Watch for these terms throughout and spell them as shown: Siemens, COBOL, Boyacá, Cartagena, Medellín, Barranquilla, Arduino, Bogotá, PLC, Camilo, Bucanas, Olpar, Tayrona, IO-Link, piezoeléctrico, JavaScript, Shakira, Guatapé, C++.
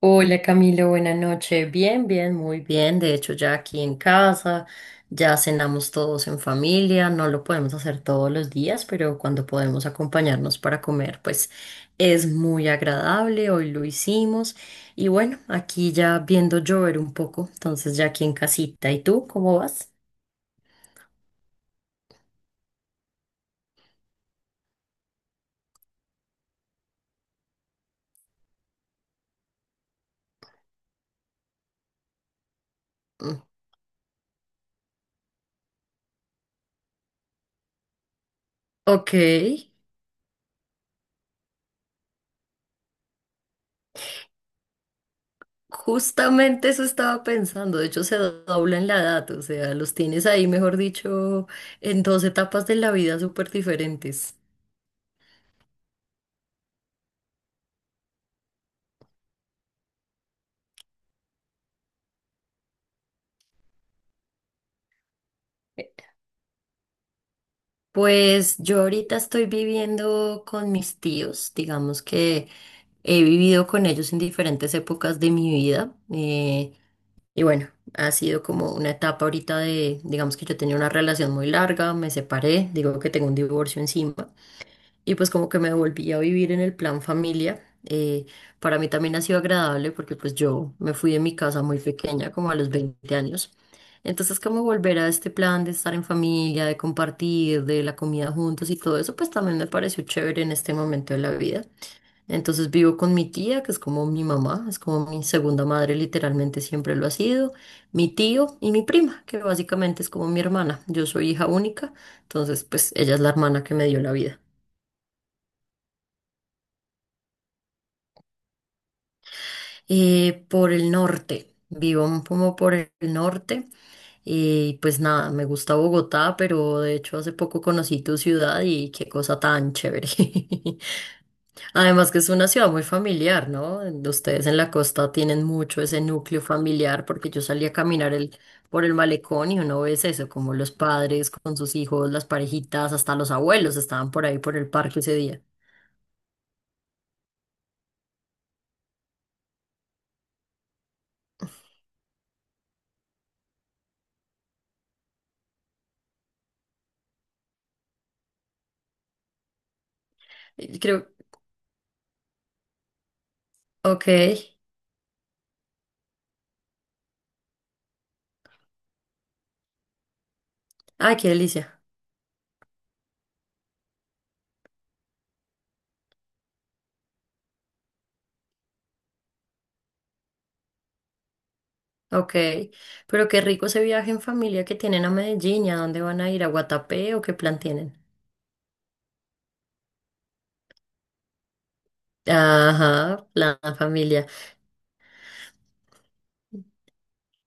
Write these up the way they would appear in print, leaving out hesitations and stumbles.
Hola Camilo, buenas noches. Bien, muy bien. De hecho, ya aquí en casa, ya cenamos todos en familia. No lo podemos hacer todos los días, pero cuando podemos acompañarnos para comer, pues es muy agradable. Hoy lo hicimos. Y bueno, aquí ya viendo llover un poco, entonces ya aquí en casita. ¿Y tú cómo vas? Mm. Ok. Justamente eso estaba pensando, de hecho se dobla en la edad, o sea, los tienes ahí, mejor dicho, en dos etapas de la vida súper diferentes. Pues yo ahorita estoy viviendo con mis tíos, digamos que he vivido con ellos en diferentes épocas de mi vida y bueno, ha sido como una etapa ahorita de, digamos que yo tenía una relación muy larga, me separé, digo que tengo un divorcio encima. Y pues como que me volví a vivir en el plan familia. Para mí también ha sido agradable porque pues yo me fui de mi casa muy pequeña, como a los 20 años. Entonces como volver a este plan de estar en familia, de compartir, de la comida juntos y todo eso, pues también me pareció chévere en este momento de la vida. Entonces vivo con mi tía, que es como mi mamá, es como mi segunda madre, literalmente siempre lo ha sido, mi tío y mi prima, que básicamente es como mi hermana. Yo soy hija única, entonces pues ella es la hermana que me dio la vida. Por el norte, vivo un poco por el norte y pues nada, me gusta Bogotá, pero de hecho hace poco conocí tu ciudad y qué cosa tan chévere. Además que es una ciudad muy familiar, ¿no? Ustedes en la costa tienen mucho ese núcleo familiar porque yo salí a caminar por el malecón y uno ve eso, como los padres con sus hijos, las parejitas, hasta los abuelos estaban por ahí por el parque ese día. Y creo. Ok. Ay, qué delicia. Ok, pero qué rico ese viaje en familia que tienen a Medellín, ¿a dónde van a ir? ¿A Guatapé o qué plan tienen? Ajá, plan familia.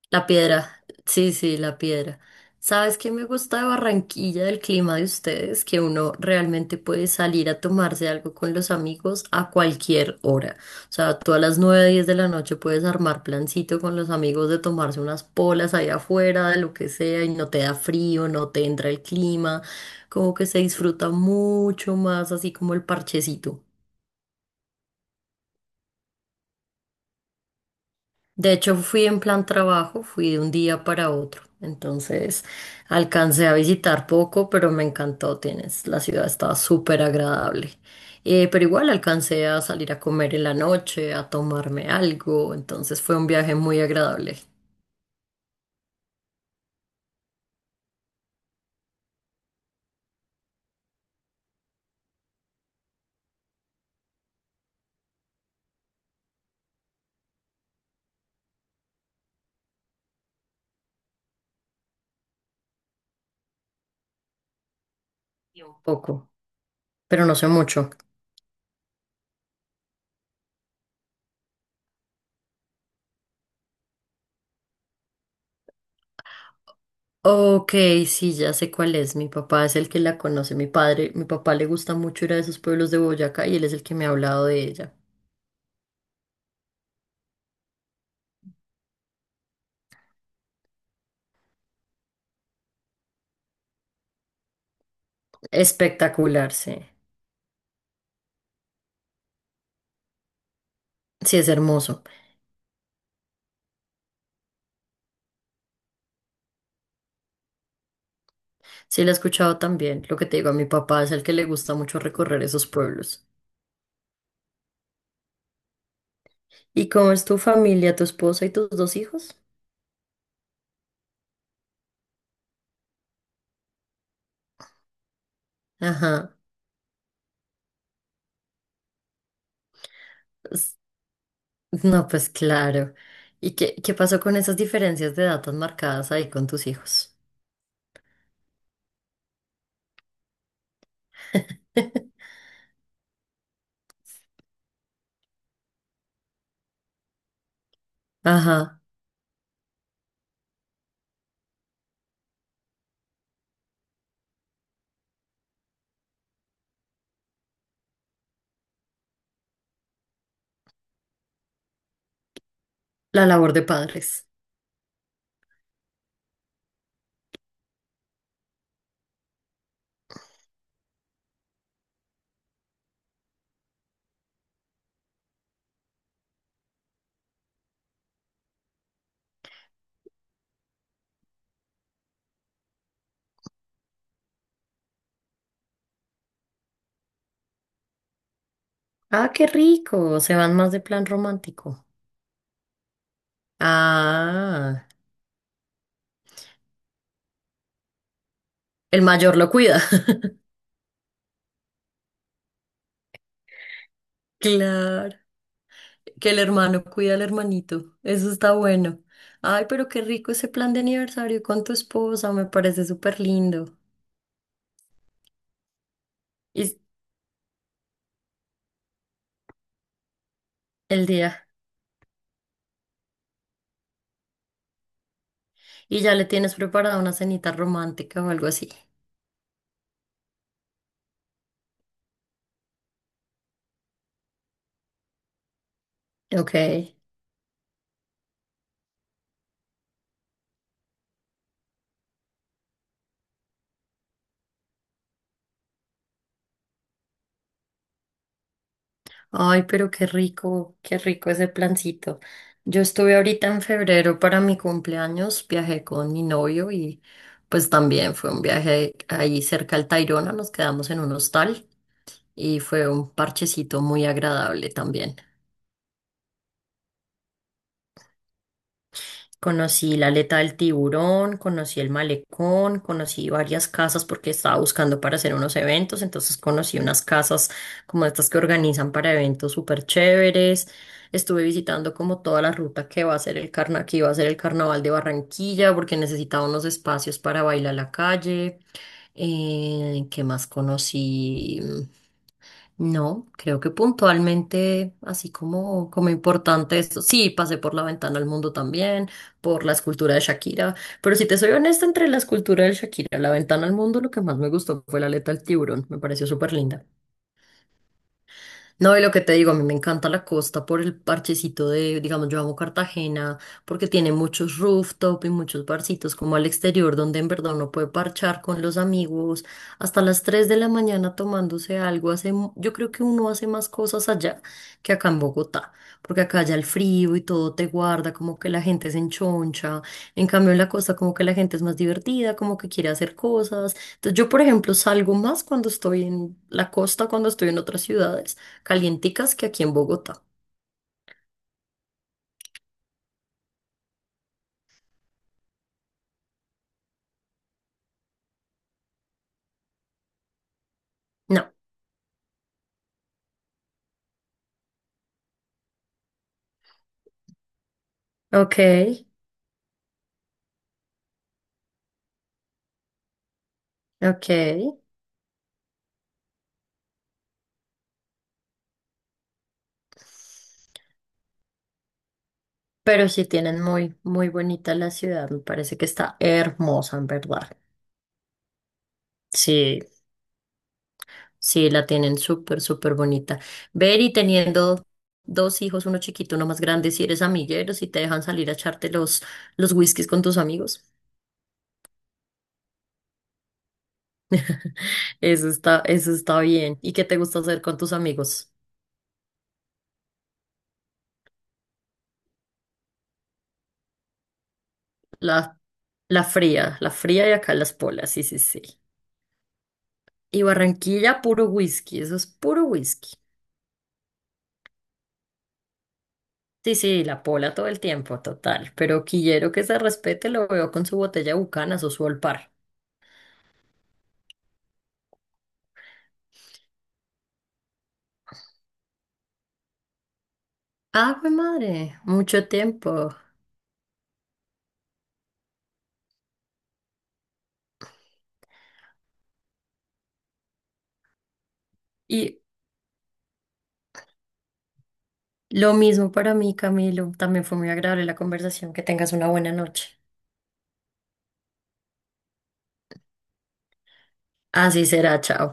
La piedra, sí, sí, la piedra. ¿Sabes qué me gusta de Barranquilla, del clima de ustedes? Que uno realmente puede salir a tomarse algo con los amigos a cualquier hora. O sea, tú a las nueve, 10 de la noche puedes armar plancito con los amigos de tomarse unas polas ahí afuera, de lo que sea, y no te da frío, no te entra el clima. Como que se disfruta mucho más así como el parchecito. De hecho, fui en plan trabajo, fui de un día para otro. Entonces, alcancé a visitar poco, pero me encantó. Tienes, la ciudad estaba súper agradable. Pero igual alcancé a salir a comer en la noche, a tomarme algo. Entonces, fue un viaje muy agradable. Y un poco, pero no sé mucho. Ok, sí, ya sé cuál es. Mi papá es el que la conoce, mi padre. Mi papá le gusta mucho ir a esos pueblos de Boyacá y él es el que me ha hablado de ella. Espectacular, sí. Sí, es hermoso. Sí, la he escuchado también. Lo que te digo, a mi papá es el que le gusta mucho recorrer esos pueblos. ¿Y cómo es tu familia, tu esposa y tus dos hijos? Ajá. s- No, pues claro. ¿Y qué pasó con esas diferencias de edad tan marcadas ahí con tus hijos? Ajá. La labor de padres. Ah, qué rico. Se van más de plan romántico. Ah, el mayor lo cuida. Claro. Que el hermano cuida al hermanito. Eso está bueno. Ay, pero qué rico ese plan de aniversario con tu esposa. Me parece súper lindo. Y s- el día. Y ya le tienes preparada una cenita romántica o algo así. Ok. Ay, pero qué rico ese plancito. Yo estuve ahorita en febrero para mi cumpleaños, viajé con mi novio y pues también fue un viaje ahí cerca al Tayrona, nos quedamos en un hostal y fue un parchecito muy agradable también. Conocí la aleta del tiburón, conocí el malecón, conocí varias casas porque estaba buscando para hacer unos eventos, entonces conocí unas casas como estas que organizan para eventos súper chéveres. Estuve visitando como toda la ruta que va a ser que iba a ser el carnaval de Barranquilla porque necesitaba unos espacios para bailar la calle. ¿Qué más conocí? No, creo que puntualmente, así como, como importante esto. Sí, pasé por la ventana al mundo también, por la escultura de Shakira, pero si te soy honesta, entre la escultura de Shakira y la ventana al mundo, lo que más me gustó fue la aleta del tiburón, me pareció súper linda. No, y lo que te digo, a mí me encanta la costa por el parchecito de, digamos, yo amo Cartagena porque tiene muchos rooftop y muchos barcitos como al exterior donde en verdad uno puede parchar con los amigos hasta las 3 de la mañana tomándose algo. Yo creo que uno hace más cosas allá que acá en Bogotá, porque acá ya el frío y todo te guarda, como que la gente se enchoncha. En cambio, en la costa como que la gente es más divertida, como que quiere hacer cosas. Entonces, yo, por ejemplo, salgo más cuando estoy en la costa, cuando estoy en otras ciudades calienticas que aquí en Bogotá. No. Ok, ok. Pero sí tienen muy bonita la ciudad. Me parece que está hermosa, en verdad. Sí, sí, la tienen súper, súper bonita. Ver y teniendo dos hijos, uno chiquito, uno más grande, si eres amiguero, si te dejan salir a echarte los whiskies con tus amigos. Eso está bien. ¿Y qué te gusta hacer con tus amigos? La, la fría, la fría y acá las polas, sí, sí, sí. Y Barranquilla, puro whisky, eso es puro whisky. Sí, sí, la pola todo el tiempo, total. Pero quillero que se respete, lo veo con su botella de Bucanas o su Olpar. Ah, pues madre, mucho tiempo. Y lo mismo para mí, Camilo. También fue muy agradable la conversación. Que tengas una buena noche. Así será, chao.